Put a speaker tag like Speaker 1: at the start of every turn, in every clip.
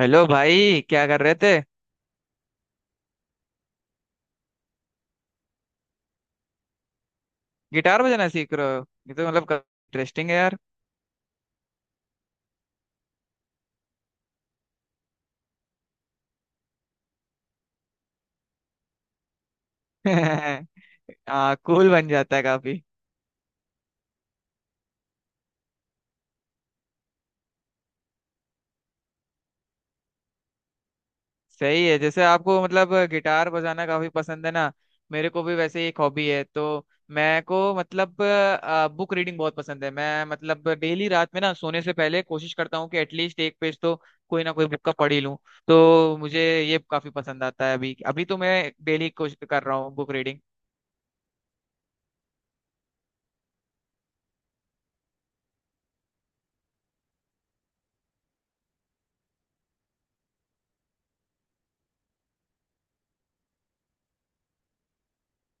Speaker 1: Hello भाई। क्या कर रहे थे? गिटार बजाना सीख रहे हो? ये तो मतलब इंटरेस्टिंग है यार। कूल बन जाता है काफी। सही है। जैसे आपको मतलब गिटार बजाना काफी पसंद है ना। मेरे को भी वैसे ही एक हॉबी है, तो मैं को मतलब बुक रीडिंग बहुत पसंद है। मैं मतलब डेली रात में ना सोने से पहले कोशिश करता हूँ कि एटलीस्ट एक पेज तो कोई ना कोई बुक का पढ़ ही लूँ। तो मुझे ये काफी पसंद आता है। अभी अभी तो मैं डेली कोशिश कर रहा हूँ बुक रीडिंग।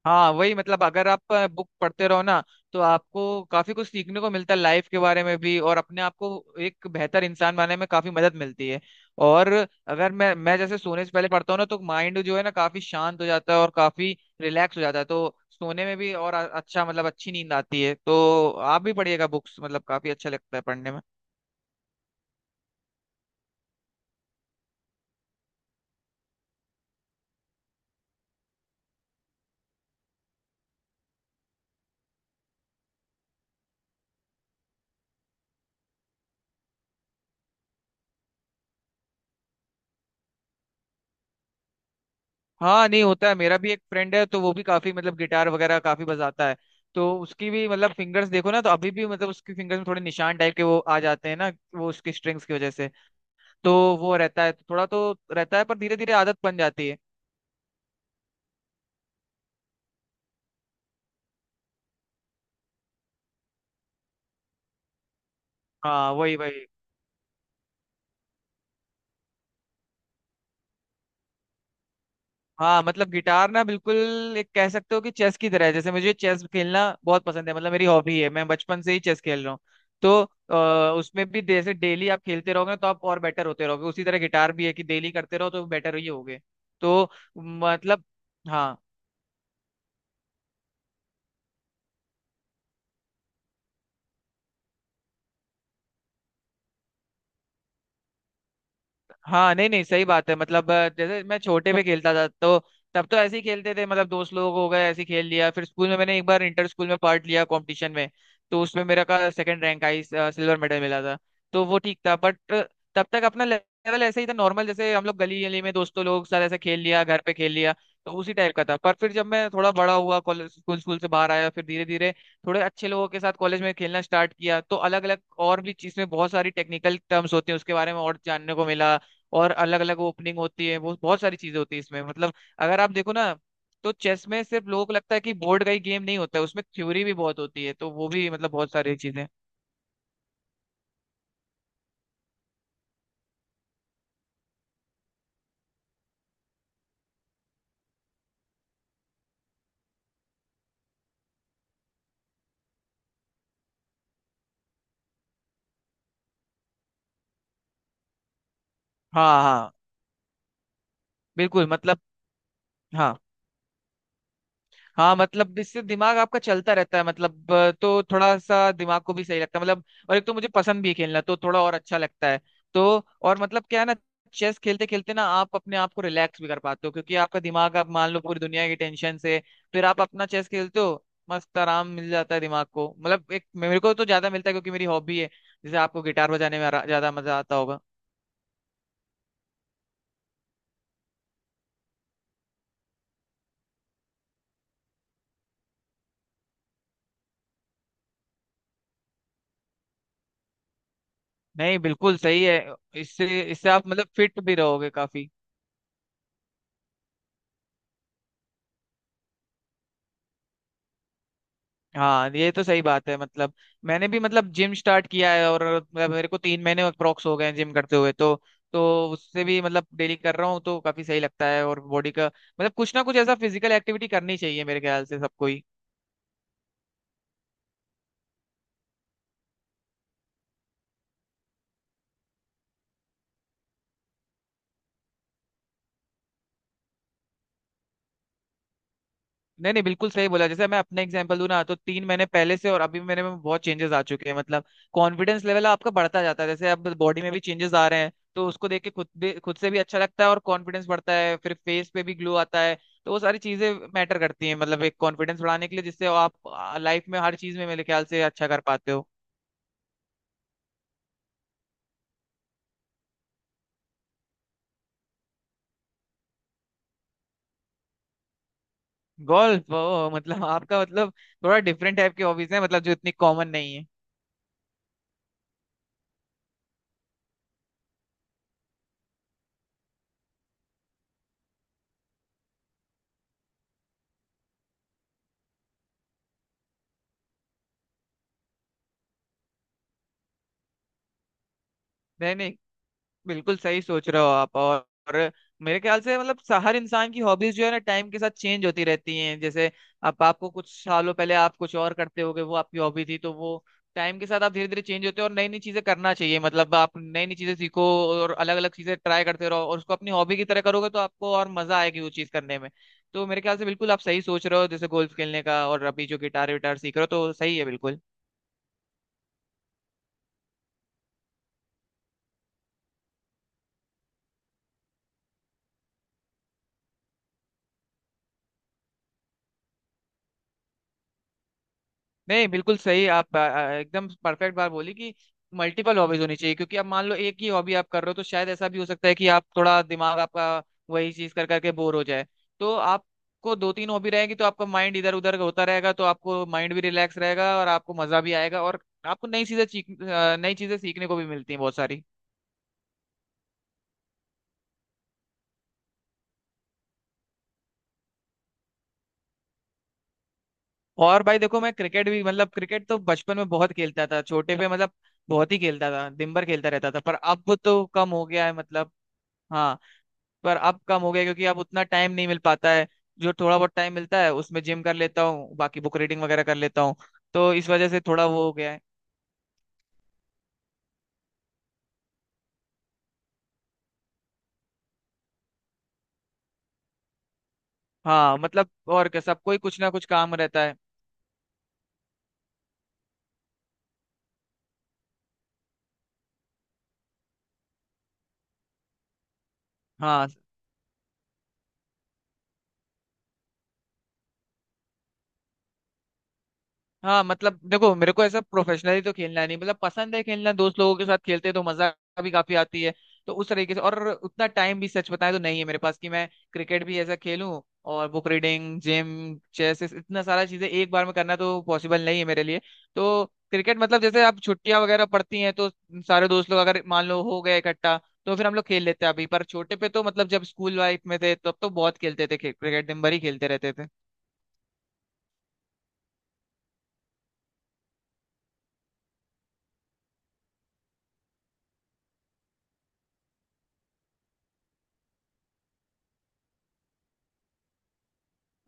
Speaker 1: हाँ वही। मतलब अगर आप बुक पढ़ते रहो ना तो आपको काफी कुछ सीखने को मिलता है लाइफ के बारे में भी, और अपने आप को एक बेहतर इंसान बनने में काफी मदद मिलती है। और अगर मैं जैसे सोने से पहले पढ़ता हूँ ना तो माइंड जो है ना काफी शांत हो जाता है और काफी रिलैक्स हो जाता है। तो सोने में भी और अच्छा मतलब अच्छी नींद आती है। तो आप भी पढ़िएगा बुक्स, मतलब काफी अच्छा लगता है पढ़ने में। हाँ। नहीं होता है। मेरा भी एक फ्रेंड है तो वो भी काफी मतलब गिटार वगैरह काफी बजाता है। तो उसकी भी मतलब फिंगर्स देखो ना तो अभी भी मतलब उसकी फिंगर्स में थोड़े निशान टाइप के वो आ जाते हैं ना, वो उसकी स्ट्रिंग्स की वजह से। तो वो रहता है, थोड़ा तो रहता है, पर धीरे धीरे आदत बन जाती है। हाँ वही वही। हाँ मतलब गिटार ना बिल्कुल एक कह सकते हो कि चेस की तरह है। जैसे मुझे चेस खेलना बहुत पसंद है, मतलब मेरी हॉबी है। मैं बचपन से ही चेस खेल रहा हूँ। तो अ, उसमें भी जैसे डेली आप खेलते रहोगे ना, तो आप और बेटर होते रहोगे। उसी तरह गिटार भी है कि डेली करते रहो तो बेटर ही होगे। तो मतलब हाँ। हाँ नहीं नहीं, सही बात है। मतलब जैसे मैं छोटे पे खेलता था तो तब तो ऐसे ही खेलते थे, मतलब दोस्त लोग हो गए ऐसे ही खेल लिया। फिर स्कूल में मैंने एक बार इंटर स्कूल में पार्ट लिया कंपटीशन में, तो उसमें मेरा का सेकंड रैंक आई, सिल्वर मेडल मिला था। तो वो ठीक था, बट तब तक अपना लेवल ऐसे ही था नॉर्मल, जैसे हम लोग गली गली में दोस्तों लोग साथ ऐसे खेल लिया, घर पे खेल लिया। तो उसी टाइप का था। पर फिर जब मैं थोड़ा बड़ा हुआ, कॉलेज स्कूल स्कूल से बाहर आया, फिर धीरे धीरे थोड़े अच्छे लोगों के साथ कॉलेज में खेलना स्टार्ट किया, तो अलग अलग और भी चीज में बहुत सारी टेक्निकल टर्म्स होते हैं उसके बारे में और जानने को मिला। और अलग अलग ओपनिंग होती है, वो बहुत सारी चीजें होती है इसमें मतलब। अगर आप देखो ना तो चेस में सिर्फ लोगों को लगता है कि बोर्ड का ही गेम, नहीं होता है उसमें थ्योरी भी बहुत होती है, तो वो भी मतलब बहुत सारी चीजें। हाँ हाँ। बिल्कुल मतलब, हाँ। हाँ मतलब इससे दिमाग आपका चलता रहता है, मतलब तो थोड़ा सा दिमाग को भी सही लगता है मतलब। और एक तो मुझे पसंद भी है खेलना, तो थोड़ा और अच्छा लगता है। तो और मतलब क्या है ना, चेस खेलते खेलते ना आप अपने आप को रिलैक्स भी कर पाते हो, क्योंकि आपका दिमाग आप मान लो पूरी दुनिया की टेंशन से फिर आप अपना चेस खेलते हो। मस्त आराम मिल जाता है दिमाग को। मतलब एक मेरे को तो ज्यादा मिलता है, क्योंकि मेरी हॉबी है। जैसे आपको गिटार बजाने में ज्यादा मजा आता होगा। नहीं बिल्कुल सही है। इससे इससे आप मतलब फिट भी रहोगे काफी। हाँ ये तो सही बात है। मतलब मैंने भी मतलब जिम स्टार्ट किया है, और मतलब मेरे को 3 महीने अप्रोक्स हो गए हैं जिम करते हुए तो। तो उससे भी मतलब डेली कर रहा हूँ तो काफी सही लगता है। और बॉडी का मतलब कुछ ना कुछ ऐसा फिजिकल एक्टिविटी करनी चाहिए मेरे ख्याल से सबको ही। नहीं नहीं बिल्कुल सही बोला। जैसे मैं अपना एग्जांपल दूं ना तो 3 महीने पहले से और अभी मेरे में बहुत चेंजेस आ चुके हैं मतलब। कॉन्फिडेंस लेवल आपका बढ़ता जाता है। जैसे अब बॉडी में भी चेंजेस आ रहे हैं, तो उसको देख के खुद भी, खुद से भी अच्छा लगता है, और कॉन्फिडेंस बढ़ता है, फिर फेस पे भी ग्लो आता है। तो वो सारी चीजें मैटर करती हैं मतलब एक कॉन्फिडेंस बढ़ाने के लिए, जिससे आप लाइफ में हर चीज में मेरे ख्याल से अच्छा कर पाते हो। गोल्फ? ओ मतलब आपका मतलब थोड़ा डिफरेंट टाइप की हॉबीज है मतलब, जो इतनी कॉमन नहीं है। नहीं नहीं बिल्कुल सही सोच रहे हो आप। और मेरे ख्याल से मतलब हर इंसान की हॉबीज जो है ना टाइम के साथ चेंज होती रहती हैं। जैसे आप आपको कुछ सालों पहले आप कुछ और करते होगे, वो आपकी हॉबी थी। तो वो टाइम के साथ आप धीरे धीरे चेंज होते हो, और नई नई चीजें करना चाहिए। मतलब आप नई नई चीजें सीखो और अलग अलग चीजें ट्राई करते रहो, और उसको अपनी हॉबी की तरह करोगे तो आपको और मजा आएगी वो चीज करने में। तो मेरे ख्याल से बिल्कुल आप सही सोच रहे हो जैसे गोल्फ खेलने का, और अभी जो गिटार विटार सीख रहे हो, तो सही है बिल्कुल। नहीं बिल्कुल सही। आप आ, आ, एकदम परफेक्ट बात बोली कि मल्टीपल हॉबीज होनी चाहिए, क्योंकि अब मान लो एक ही हॉबी आप कर रहे हो तो शायद ऐसा भी हो सकता है कि आप थोड़ा दिमाग आपका वही चीज कर करके बोर हो जाए। तो आपको दो तीन हॉबी रहेगी तो आपका माइंड इधर उधर होता रहेगा, तो आपको माइंड भी रिलैक्स रहेगा और आपको मजा भी आएगा, और आपको नई चीजें सीखने को भी मिलती हैं बहुत सारी। और भाई देखो मैं क्रिकेट भी मतलब, क्रिकेट तो बचपन में बहुत खेलता था छोटे पे मतलब। बहुत ही खेलता था, दिन भर खेलता रहता था, पर अब तो कम हो गया है मतलब। हाँ। पर अब कम हो गया क्योंकि अब उतना टाइम नहीं मिल पाता है। जो थोड़ा बहुत टाइम मिलता है उसमें जिम कर लेता हूँ, बाकी बुक रीडिंग वगैरह कर लेता हूँ। तो इस वजह से थोड़ा वो हो गया है। हाँ मतलब और क्या, सबको ही कुछ ना कुछ काम रहता है। हाँ। हाँ मतलब देखो मेरे को ऐसा प्रोफेशनली तो खेलना नहीं, मतलब पसंद है खेलना दोस्त लोगों के साथ, खेलते हैं तो मजा भी काफी आती है। तो उस तरीके से। और उतना टाइम भी सच बताएं तो नहीं है मेरे पास कि मैं क्रिकेट भी ऐसा खेलूं, और बुक रीडिंग, जिम, चेस इतना सारा चीजें एक बार में करना तो पॉसिबल नहीं है मेरे लिए। तो क्रिकेट मतलब जैसे आप छुट्टियां वगैरह पड़ती हैं तो सारे दोस्त लोग अगर मान लो हो गए इकट्ठा तो फिर हम लोग खेल लेते हैं अभी। पर छोटे पे तो मतलब जब स्कूल लाइफ में थे तब तो बहुत खेलते थे क्रिकेट, दिन भर ही खेलते रहते थे।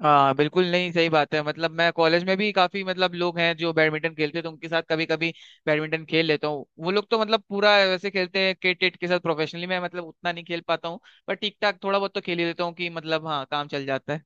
Speaker 1: हाँ बिल्कुल। नहीं सही बात है। मतलब मैं कॉलेज में भी काफी मतलब लोग हैं जो बैडमिंटन खेलते हैं तो उनके साथ कभी कभी बैडमिंटन खेल लेता हूँ। वो लोग तो मतलब पूरा वैसे खेलते हैं, क्रिकेट टेट के साथ प्रोफेशनली। मैं मतलब उतना नहीं खेल पाता हूँ, पर ठीक ठाक थोड़ा बहुत तो खेल ही लेता हूँ कि मतलब हाँ, काम चल जाता है।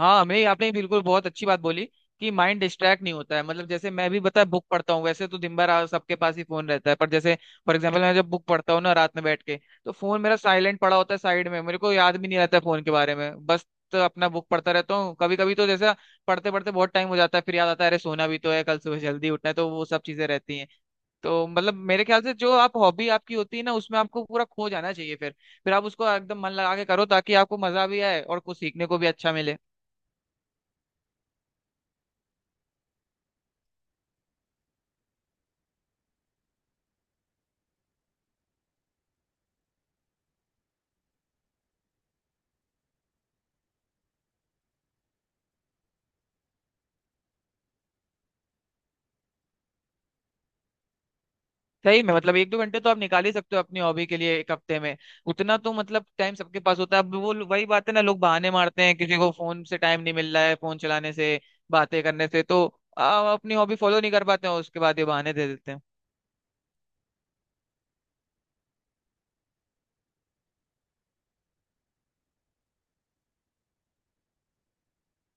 Speaker 1: हाँ, हमें आपने बिल्कुल बहुत अच्छी बात बोली कि माइंड डिस्ट्रैक्ट नहीं होता है। मतलब जैसे मैं भी, पता है, बुक पढ़ता हूँ। वैसे तो दिन भर सबके पास ही फोन रहता है, पर जैसे फॉर एग्जांपल मैं जब बुक पढ़ता हूँ ना रात में बैठ के, तो फोन मेरा साइलेंट पड़ा होता है साइड में, मेरे को याद भी नहीं रहता है फोन के बारे में बस। तो अपना बुक पढ़ता रहता हूँ। कभी कभी तो जैसा पढ़ते पढ़ते बहुत टाइम हो जाता है, फिर याद आता है, अरे सोना भी तो है, कल सुबह जल्दी उठना है, तो वो सब चीजें रहती हैं। तो मतलब मेरे ख्याल से जो आप हॉबी आपकी होती है ना उसमें आपको पूरा खो जाना चाहिए। फिर आप उसको एकदम मन लगा के करो, ताकि आपको मजा भी आए और कुछ सीखने को भी अच्छा मिले। सही में मतलब एक दो घंटे तो आप निकाल ही सकते हो अपनी हॉबी के लिए एक हफ्ते में। उतना तो मतलब टाइम सबके पास होता है। अब वो वही बात है ना, लोग बहाने मारते हैं, किसी को फोन से टाइम नहीं मिल रहा है, फोन चलाने से, बातें करने से, तो अपनी हॉबी फॉलो नहीं कर पाते हैं, उसके बाद ये बहाने दे देते हैं।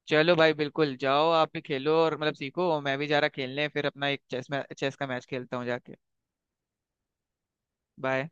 Speaker 1: चलो भाई बिल्कुल, जाओ आप भी खेलो और मतलब सीखो, और मैं भी जा रहा खेलने, फिर अपना एक चेस में चेस का मैच खेलता हूँ जाके। बाय।